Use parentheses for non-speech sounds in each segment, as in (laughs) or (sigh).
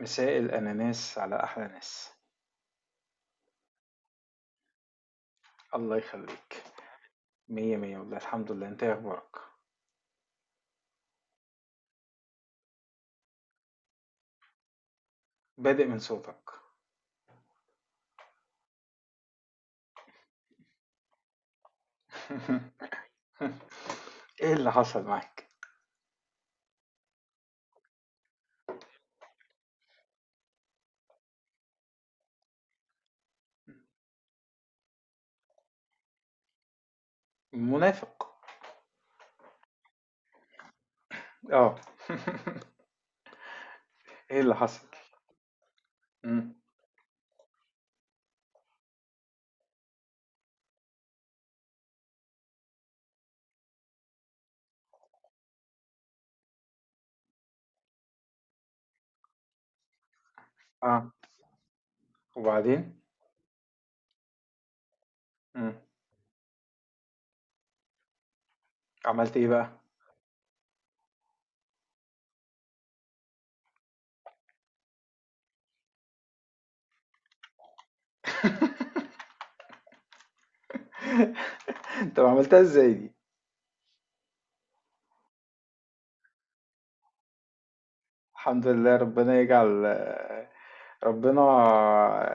مساء الأناناس على أحلى ناس. الله يخليك. مية مية والله، الحمد لله. انت إيه أخبارك؟ بادئ من صوتك. (laughs) ايه اللي حصل معاك؟ منافق. اه. (laughs) ايه اللي حصل؟ مم. اه، وبعدين. مم. عملت ايه بقى؟ (laughs) طب عملتها ازاي دي؟ الحمد لله، ربنا يجعل، ربنا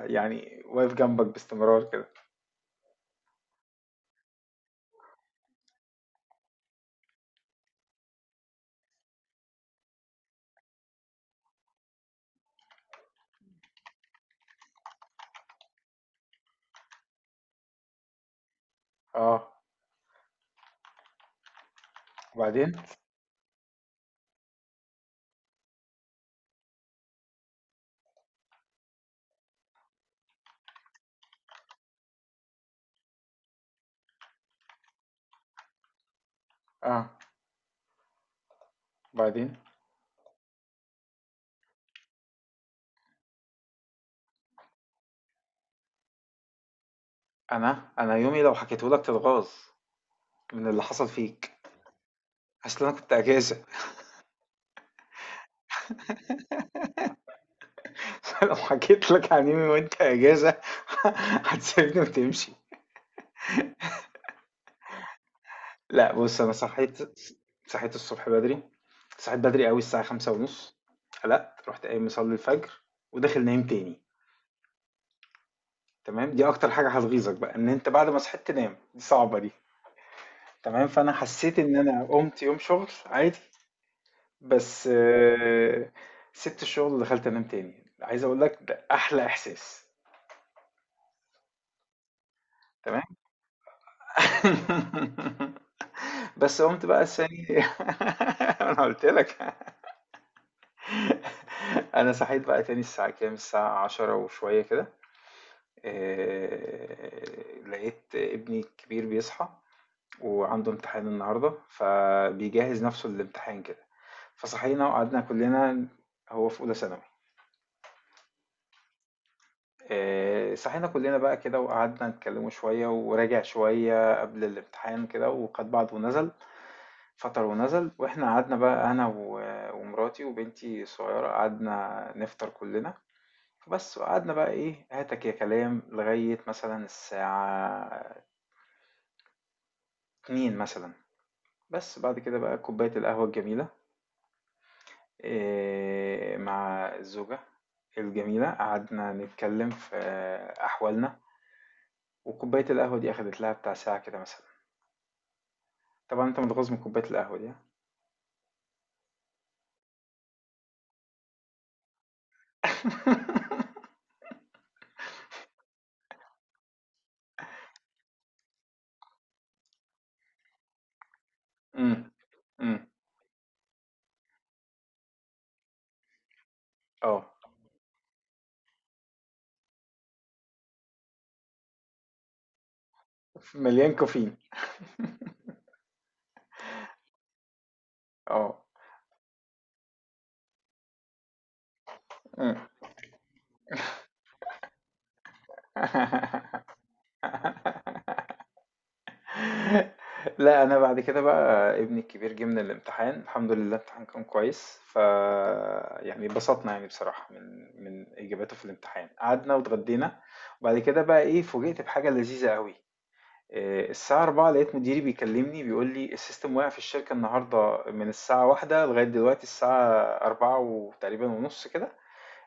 يعني واقف جنبك باستمرار كده. اه، وبعدين. اه، وبعدين. انا يومي لو حكيته لك تتغاظ من اللي حصل فيك. اصل انا كنت اجازه. (laughs) لو حكيت لك عن يومي وانت اجازه (laughs) هتسيبني وتمشي. لا بص، انا صحيت، صحيت الصبح بدري، صحيت بدري قوي الساعه خمسة ونص. قلقت، رحت قايم مصلي الفجر وداخل نايم تاني. تمام، دي اكتر حاجه هتغيظك بقى، ان انت بعد ما صحيت تنام، دي صعبه دي. تمام، فانا حسيت ان انا قمت يوم شغل عادي بس، سبت الشغل دخلت انام تاني. عايز اقول لك ده احلى احساس، تمام. (laughs) بس قمت بقى الثاني، (laughs) انا قلت لك. انا صحيت بقى تاني الساعة كام؟ الساعة عشرة وشوية كده، لقيت ابني الكبير بيصحى وعنده امتحان النهاردة، فبيجهز نفسه للامتحان كده. فصحينا وقعدنا كلنا. هو في أولى ثانوي. صحينا كلنا بقى كده وقعدنا نتكلموا شوية، وراجع شوية قبل الامتحان كده وقد بعض، ونزل فطر ونزل، واحنا قعدنا بقى، ومراتي وبنتي الصغيرة، قعدنا نفطر كلنا بس، وقعدنا بقى ايه هاتك يا كلام لغاية مثلا الساعة اتنين مثلا. بس بعد كده بقى كوباية القهوة الجميلة، إيه، مع الزوجة الجميلة، قعدنا نتكلم في أحوالنا. وكوباية القهوة دي أخدت لها بتاع ساعة كده مثلا. طبعًا أنت متغاظ من كوباية القهوة دي، (laughs) ها؟ إمم، إمم، آه، مليان كافيين. آه، إمم. (laughs) لأ، أنا بعد كده بقى ابني الكبير جه من الامتحان، الحمد لله الامتحان كان كويس، فيعني اتبسطنا يعني بصراحة من إجاباته في الامتحان. قعدنا واتغدينا، وبعد كده بقى إيه، فوجئت بحاجة لذيذة أوي. الساعة 4 لقيت مديري بيكلمني بيقول لي السيستم واقع في الشركة النهاردة من الساعة واحدة لغاية دلوقتي الساعة 4 وتقريبا ونص كده.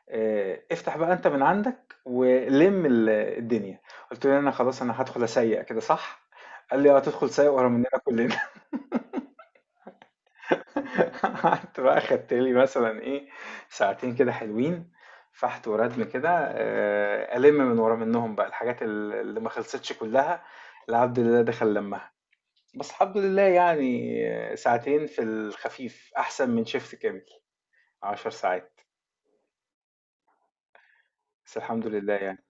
افتح بقى انت من عندك ولم الدنيا. قلت له انا خلاص انا هدخل اسيق كده صح؟ قال لي اه، هتدخل سايق ورا مننا كلنا. (laughs) قعدت بقى خدت لي مثلا ايه، ساعتين كده حلوين، فحت وردم كده، الم من ورا منهم بقى الحاجات اللي ما خلصتش كلها. لعبد الله دخل لمها. بس الحمد لله يعني، ساعتين في الخفيف احسن من شيفت كامل عشر ساعات. بس الحمد لله يعني.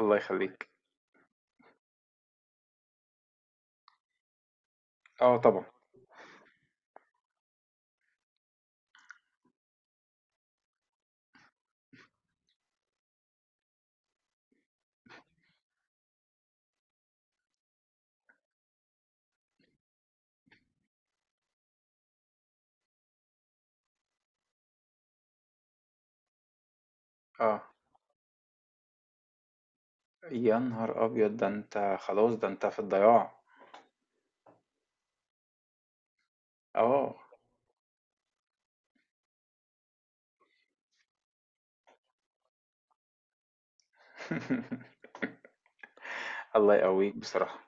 الله يخليك. اه طبعا. اه. يا نهار ابيض، ده انت خلاص، ده انت في الضياع. اه. (laughs) الله يقويك بصراحة.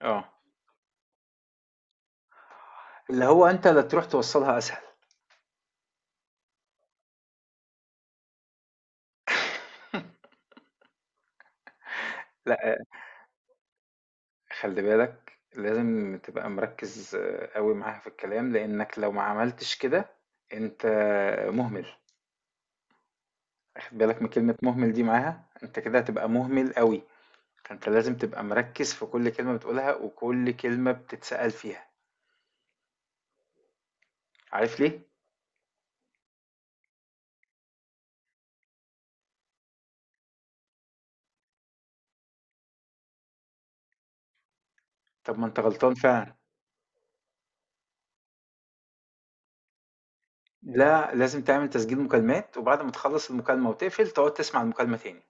اه، اللي هو انت لا تروح توصلها اسهل. لا خلي بالك، لازم تبقى مركز قوي معاها في الكلام، لانك لو ما عملتش كده انت مهمل. واخد بالك من كلمة مهمل دي معاها؟ انت كده هتبقى مهمل قوي. فانت لازم تبقى مركز في كل كلمة بتقولها وكل كلمة بتتسأل فيها. عارف ليه؟ طب ما انت غلطان فعلا. لا لازم تعمل تسجيل مكالمات، وبعد ما تخلص المكالمة وتقفل تقعد تسمع المكالمة تاني.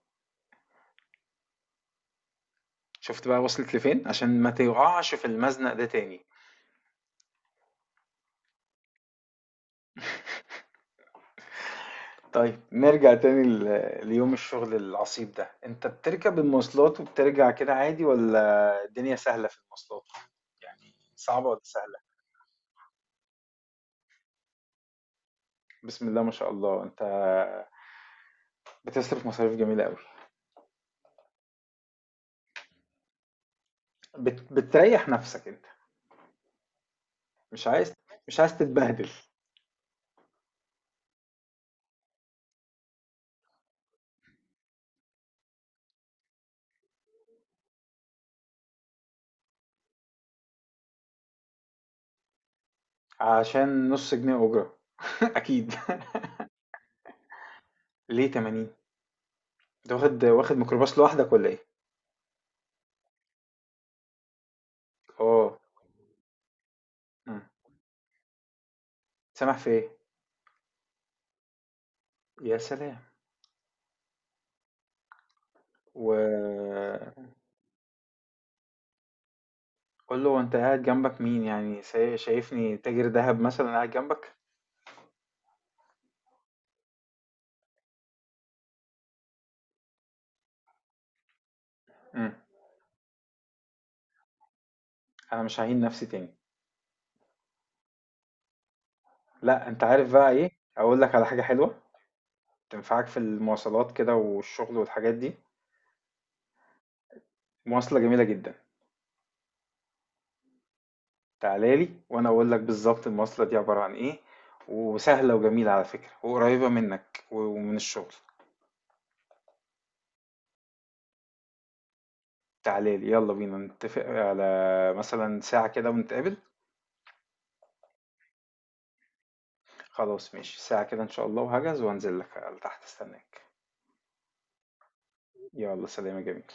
شفت بقى وصلت لفين؟ عشان ما تقعش في المزنق ده تاني. طيب نرجع تاني ليوم الشغل العصيب ده. انت بتركب المواصلات وبترجع كده عادي ولا الدنيا سهلة في المواصلات؟ يعني صعبة ولا سهلة؟ بسم الله ما شاء الله، انت بتصرف مصاريف جميلة قوي. بتريح نفسك انت؟ مش عايز، مش عايز تتبهدل. عشان نص جنيه أجرة، (laughs) أكيد. (laughs) ليه 80؟ ده واخد واخد ميكروباص لوحدك ولا ايه؟ اه. مم. سامح في ايه؟ يا سلام. وقول له، وانت قاعد جنبك مين يعني، شايفني تاجر دهب مثلا قاعد جنبك؟ مم. انا مش هعين نفسي تاني. لا انت عارف بقى ايه؟ اقول لك على حاجة حلوة تنفعك في المواصلات كده والشغل والحاجات دي، مواصلة جميلة جدا. تعالى لي وانا اقول لك بالظبط المواصلة دي عبارة عن ايه، وسهلة وجميلة على فكرة، وقريبة منك ومن الشغل. تعالى لي، يلا بينا نتفق على مثلا ساعة كده ونتقابل. خلاص ماشي، ساعة كده ان شاء الله، وهجهز وانزل لك على تحت استناك. يلا سلام يا جميل.